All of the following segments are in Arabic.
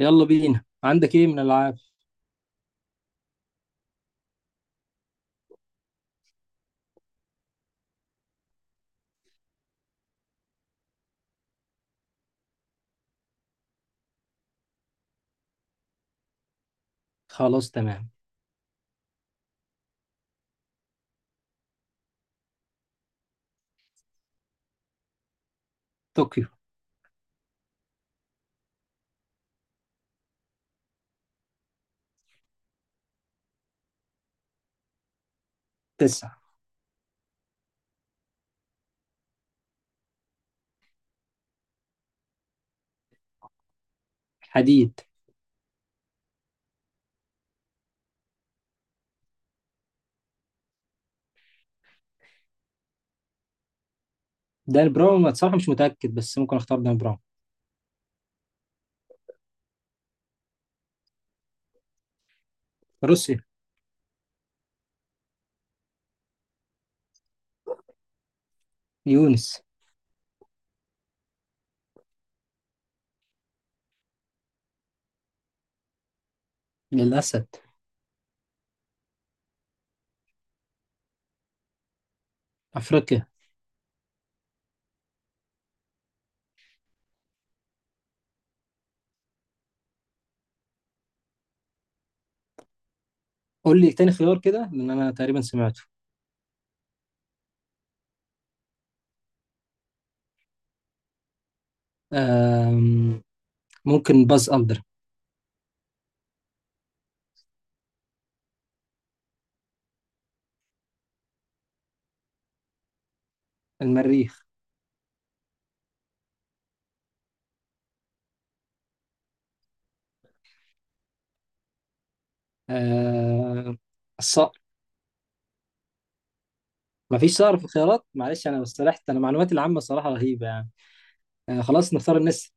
يلا بينا، عندك ايه من العاب؟ خلاص، تمام. طوكيو. تسعة. حديد. دان براون. أنا بصراحة مش متأكد، بس ممكن اختار دان براون. روسيا. يونس. للأسد. أفريقيا. قول لي تاني خيار كده، لأن أنا تقريبا سمعته. أم... ممكن باز ألدر. المريخ. أم... الصقر. مفيش صقر في الخيارات، معلش. أنا استرحت، أنا معلوماتي العامة صراحة رهيبة يعني. خلاص نختار الناس.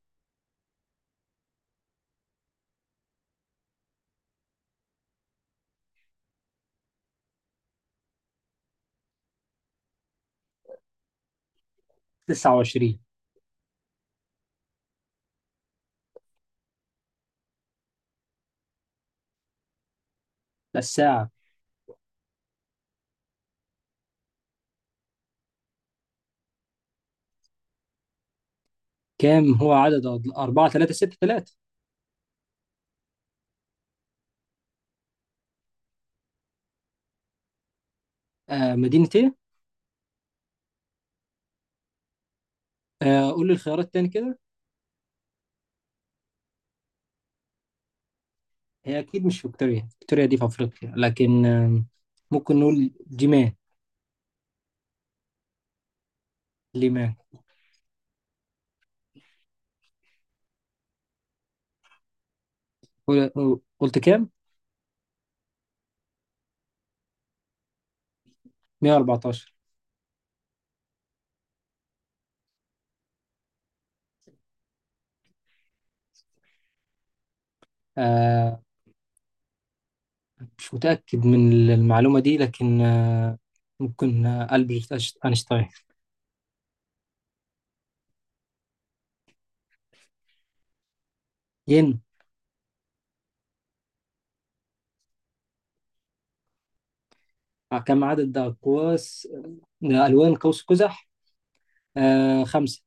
29. الساعة. كام هو عدد؟ 4، 3، 6، 3. مدينة. قول لي الخيارات تاني كده. هي اكيد مش فيكتوريا. فيكتوريا دي في افريقيا، لكن ممكن نقول جيمان. ليمان. قلت كام؟ 114. آه، مش متأكد من المعلومة دي، لكن ممكن ألبرت أينشتاين. ين. آه، كم عدد أقواس ألوان قوس قزح؟ خمسة.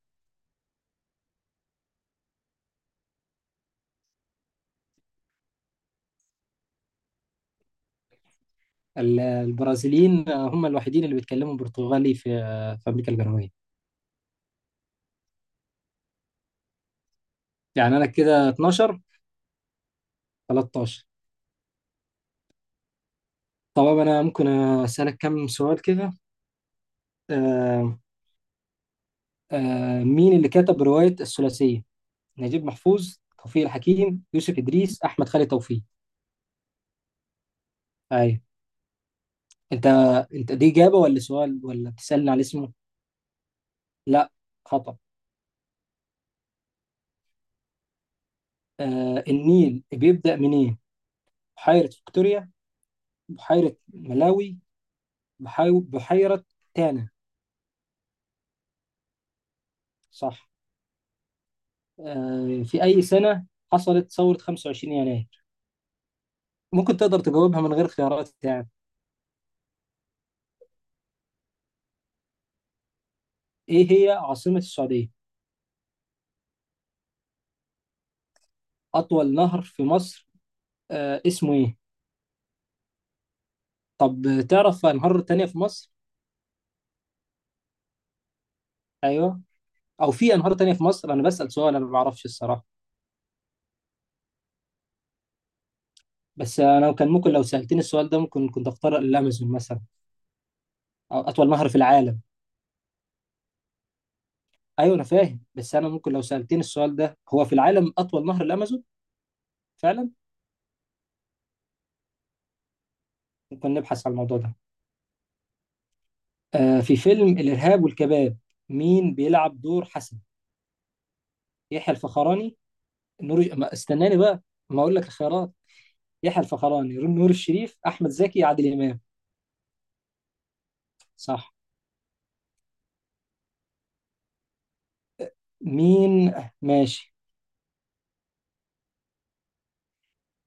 البرازيليين هم الوحيدين اللي بيتكلموا برتغالي في أمريكا الجنوبية. يعني أنا كده 12. 13. طبعا أنا ممكن أسألك كم سؤال كده. آه مين اللي كتب رواية الثلاثية؟ نجيب محفوظ، توفيق الحكيم، يوسف إدريس، أحمد خالد توفيق. أيوة. أنت أنت دي إجابة، ولا سؤال، ولا بتسألني على اسمه؟ لا، خطأ. النيل بيبدأ منين؟ بحيرة فيكتوريا، بحيرة ملاوي، بحيرة تانا. صح. في أي سنة حصلت ثورة 25 يناير؟ ممكن تقدر تجاوبها من غير خيارات يعني. إيه هي عاصمة السعودية؟ أطول نهر في مصر اسمه إيه؟ طب تعرف أنهار تانية في مصر؟ أيوه، أو في أنهار تانية في مصر؟ أنا بسأل سؤال، أنا ما بعرفش الصراحة. بس أنا كان ممكن لو سألتني السؤال ده، ممكن كنت أختار الأمازون مثلا، أو أطول نهر في العالم. أيوه أنا فاهم، بس أنا ممكن لو سألتني السؤال ده هو في العالم أطول نهر الأمازون؟ فعلا. ممكن نبحث عن الموضوع ده. في فيلم الإرهاب والكباب، مين بيلعب دور حسن؟ يحيى الفخراني. نور، ما استناني بقى، ما أقول لك الخيارات. يحيى الفخراني، نور الشريف، أحمد زكي، عادل إمام. صح. مين. ماشي.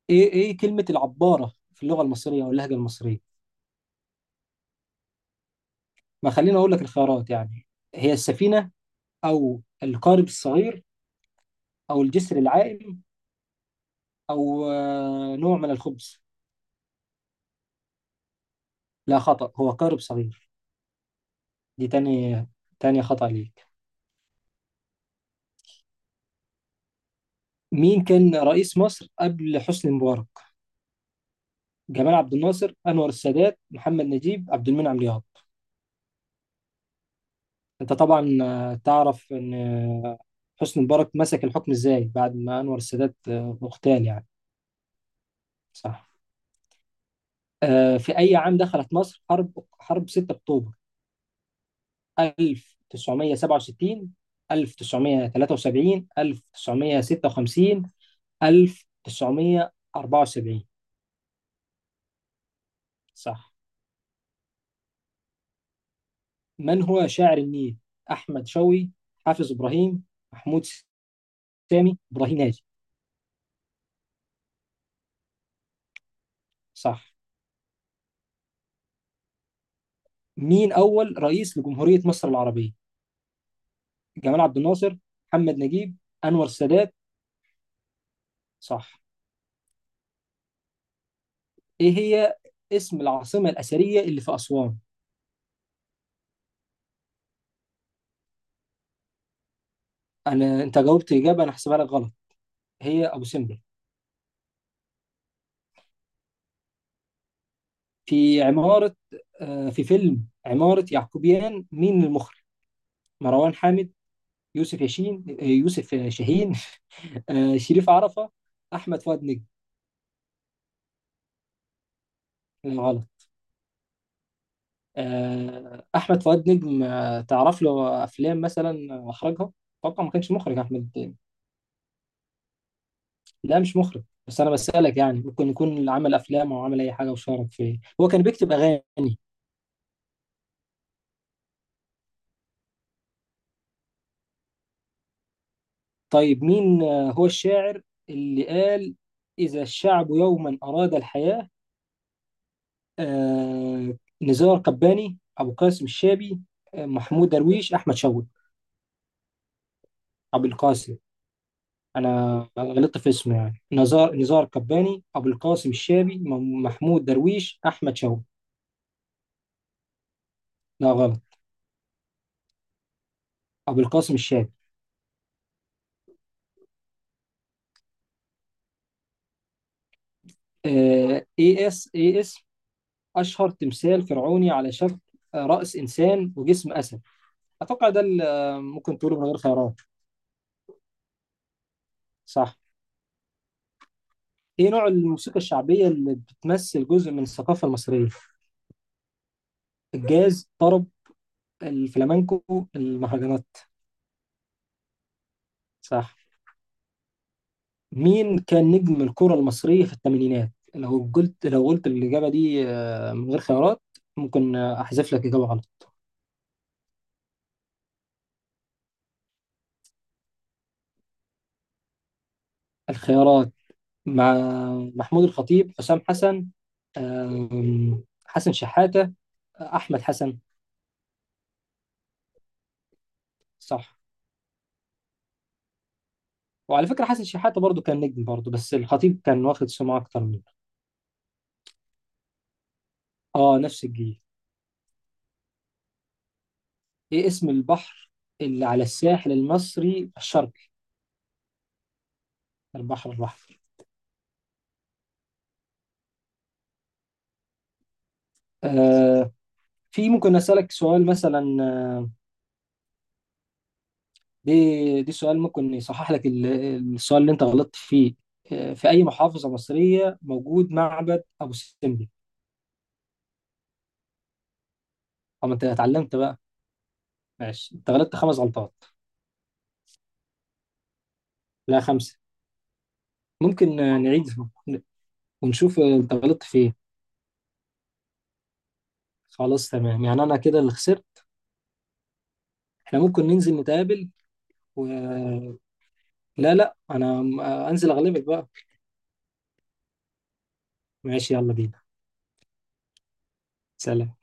ايه ايه كلمة العبارة في اللغة المصرية او اللهجة المصرية؟ ما خليني اقول لك الخيارات يعني. هي السفينة، او القارب الصغير، او الجسر العائم، او نوع من الخبز. لا، خطأ، هو قارب صغير. دي تاني. تاني خطأ ليك. مين كان رئيس مصر قبل حسني مبارك؟ جمال عبد الناصر، انور السادات، محمد نجيب، عبد المنعم لياقوت. انت طبعا تعرف ان حسني مبارك مسك الحكم ازاي بعد ما انور السادات اغتال يعني. صح. في اي عام دخلت مصر حرب 6 اكتوبر؟ 1967، 1973، 1956، 1974. صح. من هو شاعر النيل؟ احمد شوقي، حافظ ابراهيم، محمود سامي ابراهيم، ناجي. صح. مين اول رئيس لجمهورية مصر العربية؟ جمال عبد الناصر، محمد نجيب، انور السادات. صح. ايه هي اسم العاصمه الاثريه اللي في اسوان؟ انا انت جاوبت اجابه، انا هحسبها لك غلط. هي ابو سمبل. في عماره. في فيلم عماره يعقوبيان مين المخرج؟ مروان حامد، يوسف ياشين يوسف شاهين، شريف عرفه، احمد فؤاد نجم. لا، غلط. احمد فؤاد نجم تعرف له افلام مثلا واخرجها؟ اتوقع ما كانش مخرج احمد. لا مش مخرج، بس انا بسألك يعني ممكن يكون عمل افلام او عمل اي حاجه وشارك في إيه؟ هو كان بيكتب اغاني. طيب، مين هو الشاعر اللي قال اذا الشعب يوما اراد الحياه؟ آه، نزار قباني، ابو قاسم الشابي، محمود درويش، احمد شوقي. ابو القاسم. انا غلطت في اسمه يعني. نزار قباني، ابو القاسم الشابي، محمود درويش، احمد شوقي. لا، غلط. ابو القاسم الشابي. ايه اس ايه. أشهر تمثال فرعوني على شكل رأس إنسان وجسم أسد، أتوقع ده اللي ممكن تقوله من غير خيارات. صح. إيه نوع الموسيقى الشعبية اللي بتمثل جزء من الثقافة المصرية؟ الجاز، طرب، الفلامنكو، المهرجانات. صح. مين كان نجم الكرة المصرية في الثمانينات؟ لو قلت الإجابة دي من غير خيارات، ممكن أحذف لك إجابة غلط. الخيارات، مع محمود الخطيب، حسام حسن، حسن شحاتة، أحمد حسن. صح. وعلى فكرة حسن شحاتة برضو كان نجم برضو، بس الخطيب كان واخد سمعة أكتر منه. آه، نفس الجيل. إيه اسم البحر اللي على الساحل المصري الشرقي؟ البحر الأحمر. آه. في ممكن أسألك سؤال مثلا، دي سؤال ممكن يصحح لك السؤال اللي أنت غلطت فيه. في أي محافظة مصرية موجود معبد أبو سمبل؟ أو ما أنت اتعلمت بقى. ماشي، أنت غلطت خمس غلطات. لا، خمسة. ممكن نعيد ونشوف أنت غلطت فين. خلاص، تمام، يعني انا كده اللي خسرت. احنا ممكن ننزل نتقابل. و... لا، لا، انا انزل اغلبك بقى. ماشي يلا بينا. سلام.